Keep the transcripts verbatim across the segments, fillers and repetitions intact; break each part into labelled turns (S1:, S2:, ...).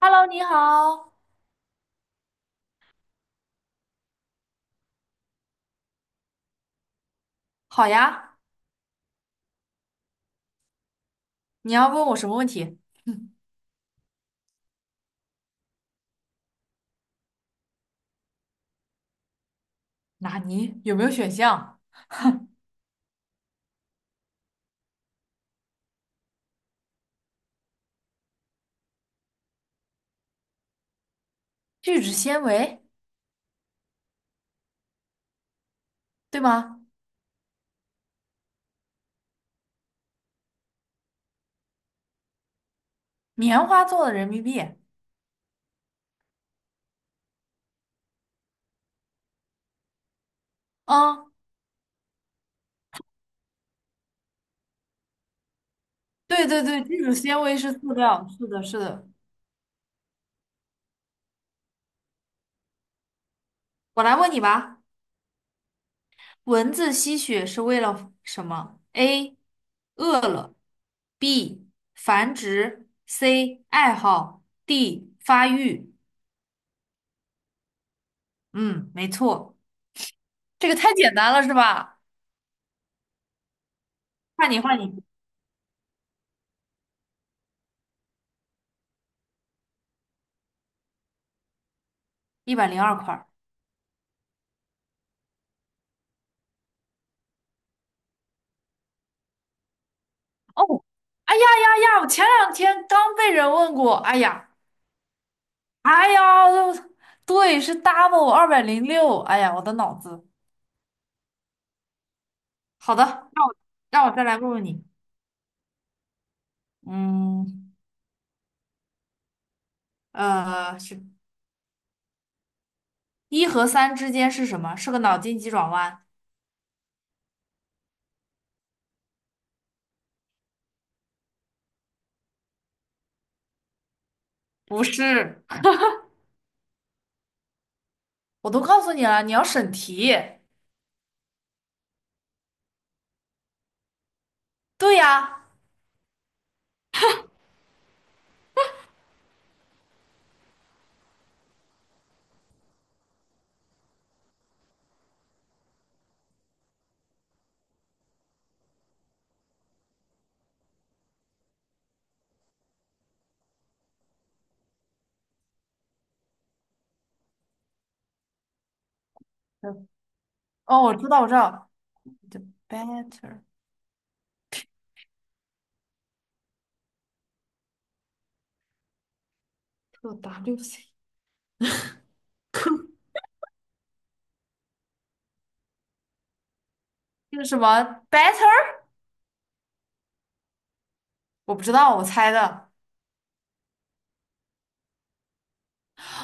S1: Hello，你好。好呀，你要问我什么问题？嗯，纳尼？有没有选项？聚酯纤维，对吗？棉花做的人民币。嗯，对对对，聚酯纤维是塑料。是的，是的。我来问你吧，蚊子吸血是为了什么？A. 饿了，B. 繁殖，C. 爱好，D. 发育。嗯，没错，这个太简单了是吧？换你，换你，一百零二块。哦，哎呀呀呀！我前两天刚被人问过，哎呀，哎呀，对，是 double 二百零六，哎呀，我的脑子。好的，让我让我再来问问你，嗯，呃，是一和三之间是什么？是个脑筋急转弯？不是，我都告诉你了，你要审题。对呀，嗯哦，我知道，我知道，the better to W C，这个什么 better？我不知道，我猜的。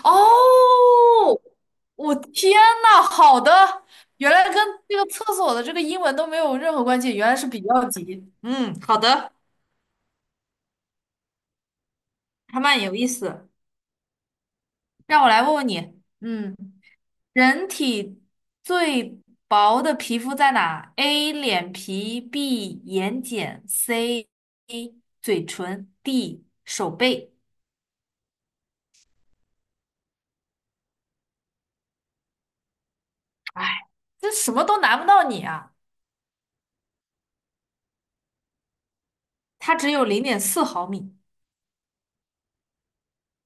S1: 哦，我天呐，好的，原来跟这个厕所的这个英文都没有任何关系，原来是比较级。嗯，好的，还蛮有意思。让我来问问你，嗯，人体最薄的皮肤在哪？A. 脸皮，B. 眼睑，C. 嘴唇，D. 手背。哎，这什么都难不到你啊，它只有零点四毫米。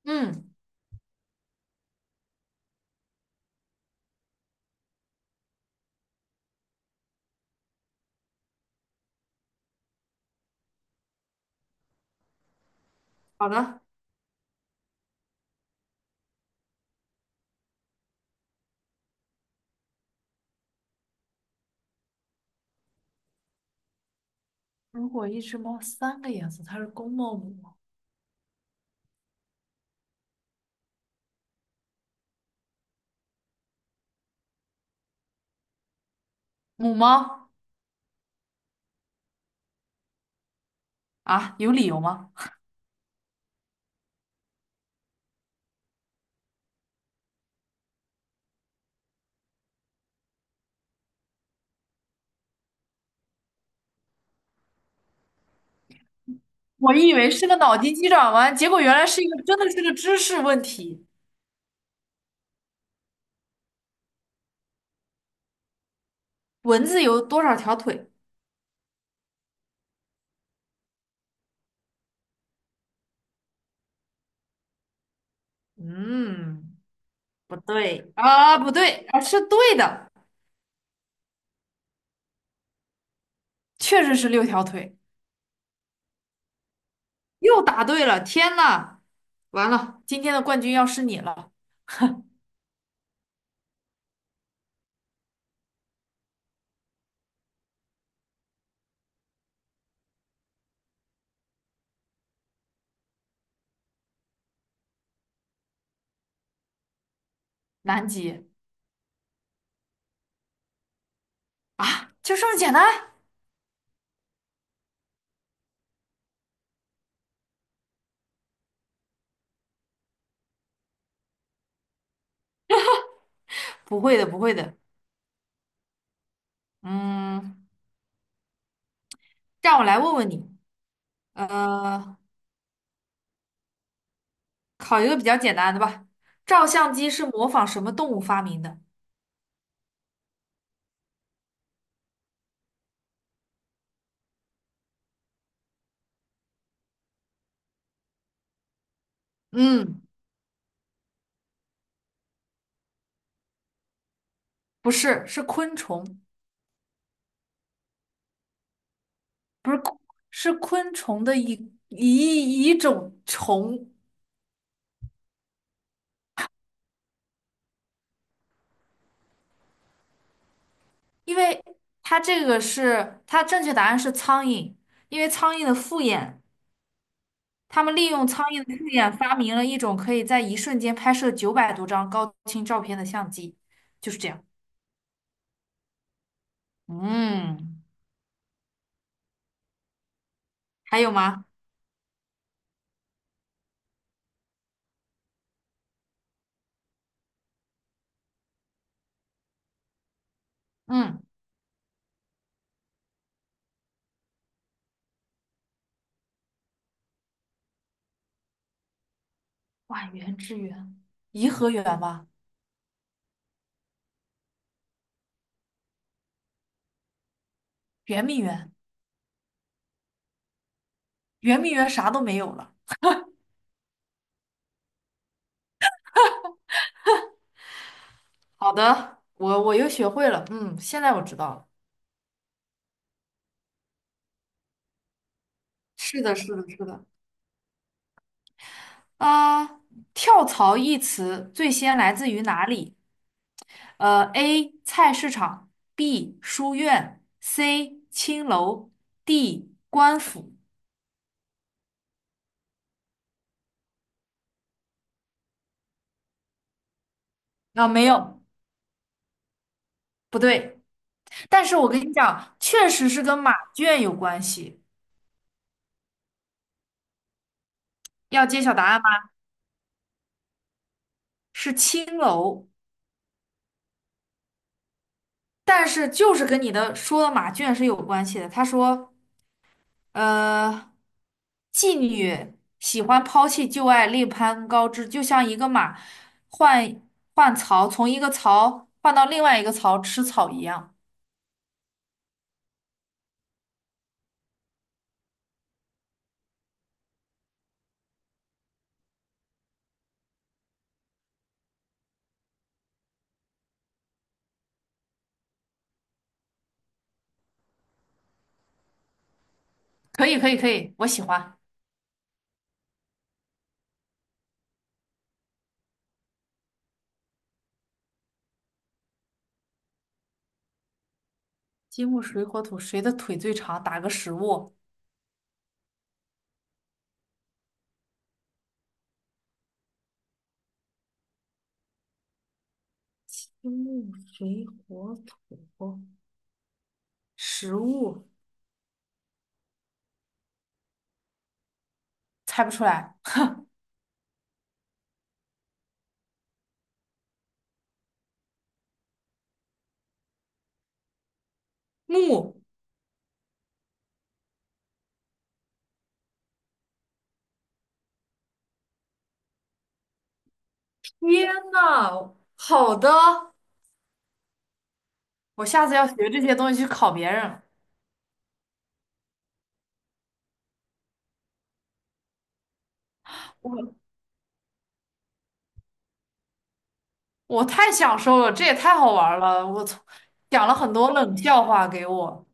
S1: 嗯，好的。如果一只猫三个颜色，它是公猫母猫。母猫啊，有理由吗？我以为是个脑筋急转弯，结果原来是一个真的是个知识问题。蚊子有多少条腿？嗯，不对，啊，不对，啊，是对的，确实是六条腿，又答对了。天呐，完了，今天的冠军要是你了，南极就这么简单？不会的，不会的。嗯，让我来问问你，呃，考一个比较简单的吧。照相机是模仿什么动物发明的？嗯，不是，是昆虫，不是昆是昆虫的一一一种虫，因为它这个是它正确答案是苍蝇，因为苍蝇的复眼，他们利用苍蝇的复眼发明了一种可以在一瞬间拍摄九百多张高清照片的相机，就是这样。嗯，还有吗？嗯，万园之园，颐和园吧，圆明园。圆明园啥都没有了。好的，我我又学会了，嗯，现在我知道了。是的，是的，是的。啊、跳槽一词最先来自于哪里？呃，A. 菜市场，B. 书院，C. 青楼，D. 官府。啊、没有，不对。但是我跟你讲，确实是跟马圈有关系。要揭晓答案吗？是青楼，但是就是跟你的说的马圈是有关系的。他说。呃，妓女喜欢抛弃旧爱，另攀高枝，就像一个马换换槽，从一个槽换到另外一个槽吃草一样。可以，可以，可以，我喜欢。金木水火土，谁的腿最长？打个食物，金木水火土，食物。猜不出来。木，天呐，好的，我下次要学这些东西去考别人。我。我太享受了，这也太好玩了，我从讲了很多冷笑话给我。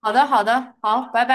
S1: 好的，好的，好，拜拜。